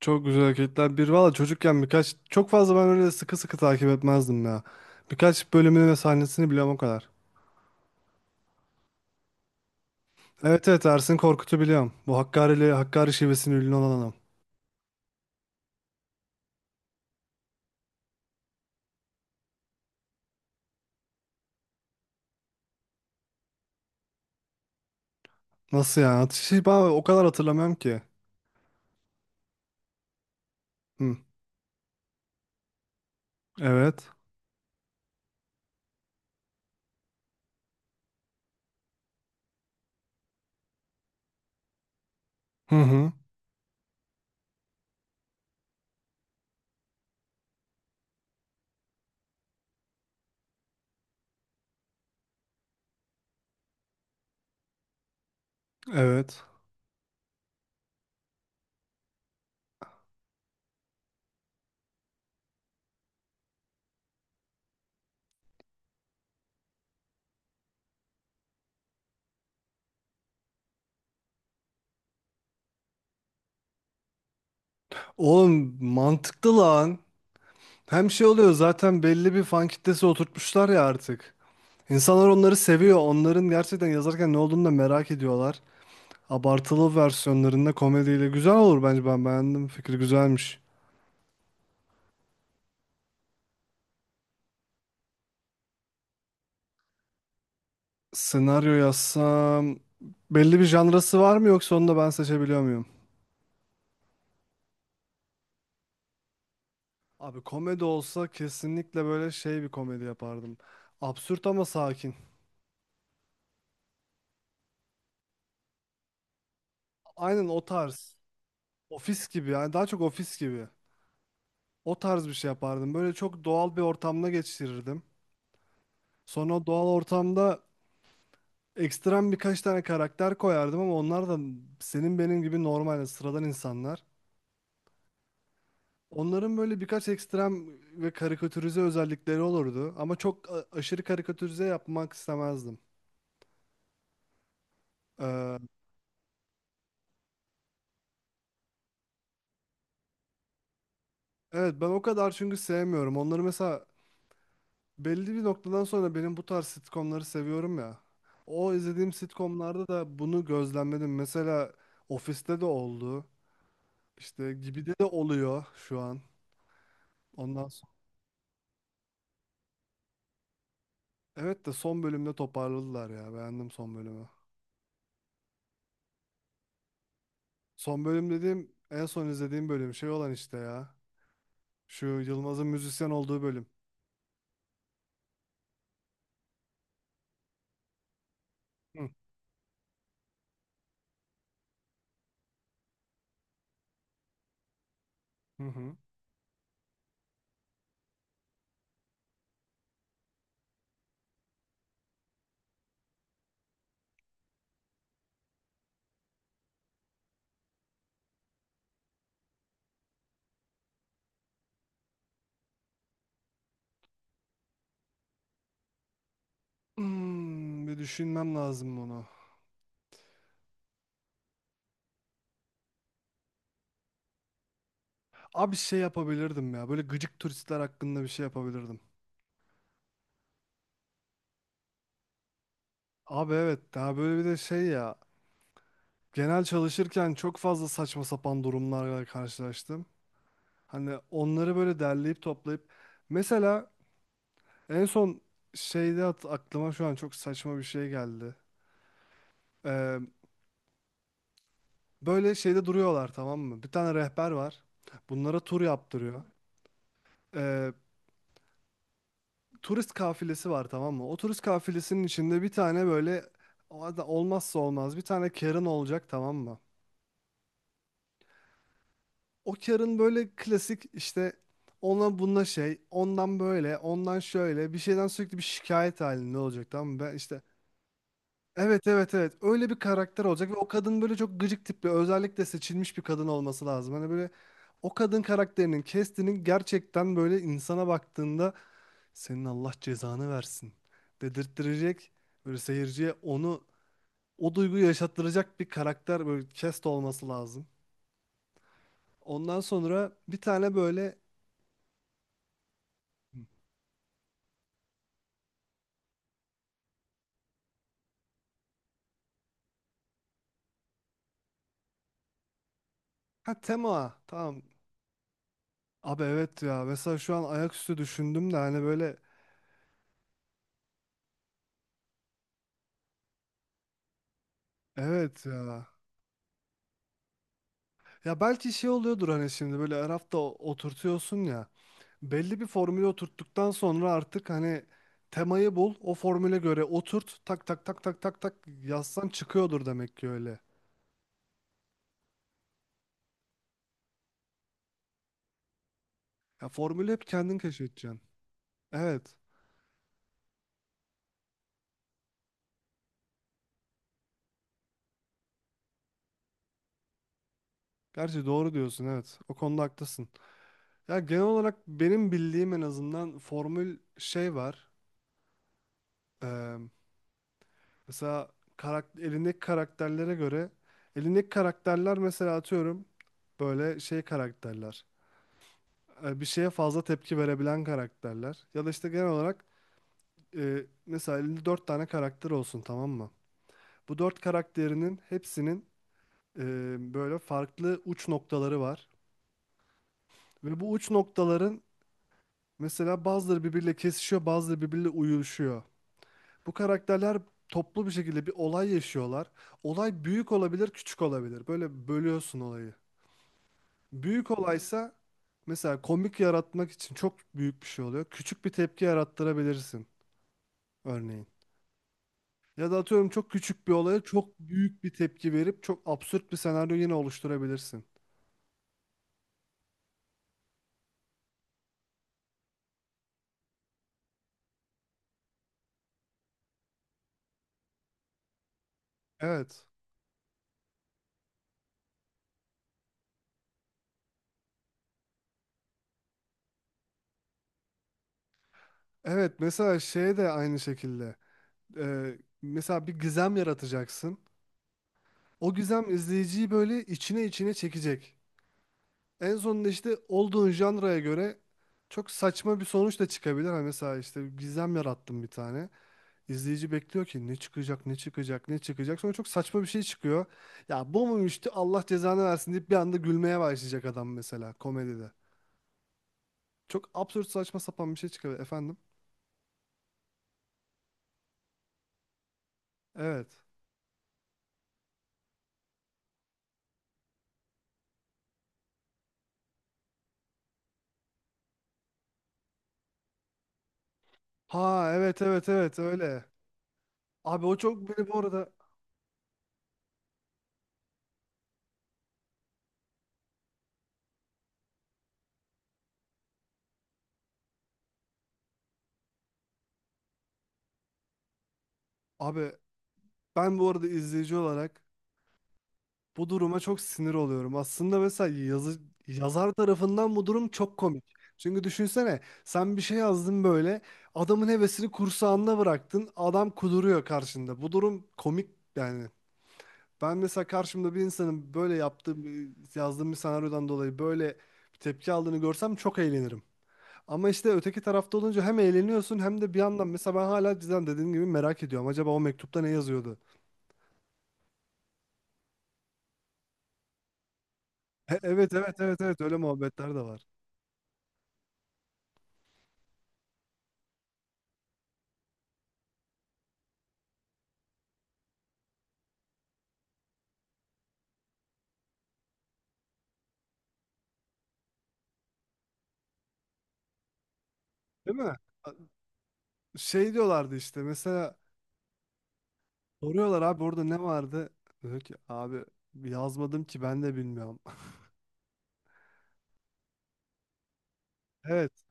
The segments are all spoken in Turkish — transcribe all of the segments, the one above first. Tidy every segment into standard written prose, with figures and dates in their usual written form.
Çok güzel hareketler. Bir valla çocukken birkaç çok fazla ben öyle sıkı sıkı takip etmezdim ya. Birkaç bölümünü ve sahnesini biliyorum o kadar. Evet, evet, Ersin Korkut'u biliyorum. Bu Hakkari'li Hakkari şivesinin ünlü olan adam. Nasıl yani? Atışı ben o kadar hatırlamıyorum ki. Hı. Evet. Hı hı. Evet. Oğlum mantıklı lan. Hem şey oluyor zaten belli bir fan kitlesi oturtmuşlar ya artık. İnsanlar onları seviyor. Onların gerçekten yazarken ne olduğunu da merak ediyorlar. Abartılı versiyonlarında komediyle güzel olur bence ben beğendim. Fikri güzelmiş. Senaryo yazsam belli bir janrası var mı yoksa onu da ben seçebiliyor muyum? Abi komedi olsa kesinlikle böyle şey bir komedi yapardım. Absürt ama sakin. Aynen o tarz. Ofis gibi yani daha çok ofis gibi. O tarz bir şey yapardım. Böyle çok doğal bir ortamda geçirirdim. Sonra o doğal ortamda ekstrem birkaç tane karakter koyardım ama onlar da senin benim gibi normal yani sıradan insanlar. Onların böyle birkaç ekstrem ve karikatürize özellikleri olurdu ama çok aşırı karikatürize yapmak istemezdim. Ee, evet ben o kadar çünkü sevmiyorum. Onları mesela belli bir noktadan sonra benim bu tarz sitcomları seviyorum ya. O izlediğim sitcomlarda da bunu gözlemledim. Mesela Office'te de oldu. İşte Gibi'de de oluyor şu an. Ondan sonra. Evet de son bölümde toparladılar ya. Beğendim son bölümü. Son bölüm dediğim en son izlediğim bölüm şey olan işte ya. Şu Yılmaz'ın müzisyen olduğu bölüm. Hı hı. Hı. Hmm, bir düşünmem lazım bunu. Abi şey yapabilirdim ya. Böyle gıcık turistler hakkında bir şey yapabilirdim. Abi evet daha böyle bir de şey ya. Genel çalışırken çok fazla saçma sapan durumlarla karşılaştım. Hani onları böyle derleyip toplayıp. Mesela en son şeyde aklıma şu an çok saçma bir şey geldi. Ee, böyle şeyde duruyorlar tamam mı? Bir tane rehber var. Bunlara tur yaptırıyor. Turist kafilesi var tamam mı? O turist kafilesinin içinde bir tane böyle olmazsa olmaz bir tane Karen olacak tamam mı? O Karen böyle klasik işte ona bununla şey, ondan böyle, ondan şöyle bir şeyden sürekli bir şikayet halinde olacak tamam mı? Ben işte. Evet, evet, evet. Öyle bir karakter olacak ve o kadın böyle çok gıcık tipli, özellikle seçilmiş bir kadın olması lazım. Hani böyle o kadın karakterinin, Kestinin gerçekten böyle insana baktığında senin Allah cezanı versin dedirttirecek böyle seyirciye onu o duyguyu yaşattıracak bir karakter böyle Kest olması lazım. Ondan sonra bir tane böyle. Ha, tema, tamam. Abi evet ya, mesela şu an ayaküstü düşündüm de hani böyle. Evet ya. Ya belki şey oluyordur hani şimdi böyle her hafta oturtuyorsun ya. Belli bir formülü oturttuktan sonra artık hani temayı bul, o formüle göre oturt, tak tak tak tak tak tak yazsan çıkıyordur demek ki öyle. Ya formülü hep kendin keşfedeceksin. Evet. Gerçi doğru diyorsun evet. O konuda haklısın. Ya genel olarak benim bildiğim en azından formül şey var. Eee, mesela elindeki karakterlere göre elindeki karakterler mesela atıyorum böyle şey karakterler. Bir şeye fazla tepki verebilen karakterler. Ya da işte genel olarak mesela elinde dört tane karakter olsun tamam mı? Bu dört karakterinin hepsinin böyle farklı uç noktaları var. Ve bu uç noktaların mesela bazıları birbiriyle kesişiyor, bazıları birbiriyle uyuşuyor. Bu karakterler toplu bir şekilde bir olay yaşıyorlar. Olay büyük olabilir, küçük olabilir. Böyle bölüyorsun olayı. Büyük olaysa mesela komik yaratmak için çok büyük bir şey oluyor. Küçük bir tepki yarattırabilirsin örneğin. Ya da atıyorum çok küçük bir olaya çok büyük bir tepki verip çok absürt bir senaryo yine oluşturabilirsin. Evet. Evet mesela şey de aynı şekilde. Mesela bir gizem yaratacaksın. O gizem izleyiciyi böyle içine içine çekecek. En sonunda işte olduğun janraya göre çok saçma bir sonuç da çıkabilir. Hani mesela işte gizem yarattım bir tane. İzleyici bekliyor ki ne çıkacak, ne çıkacak, ne çıkacak. Sonra çok saçma bir şey çıkıyor. Ya bu muymuş Allah cezanı versin deyip bir anda gülmeye başlayacak adam mesela komedide. Çok absürt saçma sapan bir şey çıkıyor efendim. Evet. Ha, evet, evet, evet, öyle. Abi o çok beni bu arada, abi ben bu arada izleyici olarak bu duruma çok sinir oluyorum. Aslında mesela yazar tarafından bu durum çok komik. Çünkü düşünsene sen bir şey yazdın böyle adamın hevesini kursağında bıraktın adam kuduruyor karşında. Bu durum komik yani. Ben mesela karşımda bir insanın böyle yazdığım bir senaryodan dolayı böyle bir tepki aldığını görsem çok eğlenirim. Ama işte öteki tarafta olunca hem eğleniyorsun hem de bir yandan mesela ben hala cidden dediğim gibi merak ediyorum. Acaba o mektupta ne yazıyordu? Evet, evet, evet, evet, öyle muhabbetler de var. Değil mi? Şey diyorlardı işte mesela soruyorlar abi orada ne vardı? Diyor ki abi yazmadım ki ben de bilmiyorum. Evet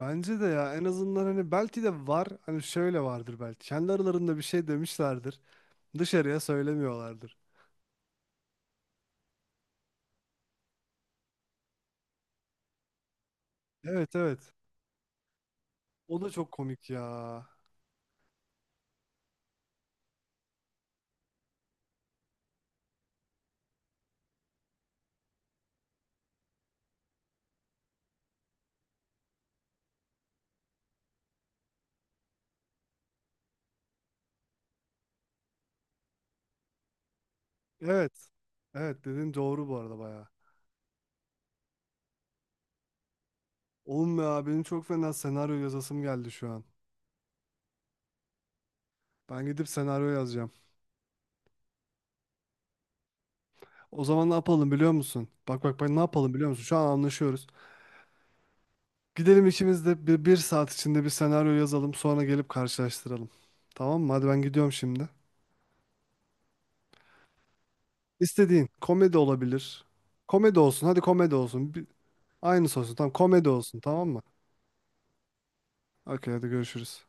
bence de ya en azından hani belki de var hani şöyle vardır belki kendi aralarında bir şey demişlerdir dışarıya söylemiyorlardır. Evet, evet, o da çok komik ya. Evet, evet, dediğin doğru bu arada baya. Oğlum ya benim çok fena senaryo yazasım geldi şu an. Ben gidip senaryo yazacağım. O zaman ne yapalım biliyor musun? Bak bak bak ne yapalım biliyor musun? Şu an anlaşıyoruz. Gidelim işimizde bir saat içinde bir senaryo yazalım sonra gelip karşılaştıralım. Tamam mı? Hadi ben gidiyorum şimdi. İstediğin komedi olabilir. Komedi olsun. Hadi komedi olsun. Aynısı olsun. Tamam komedi olsun tamam mı? Okey hadi görüşürüz.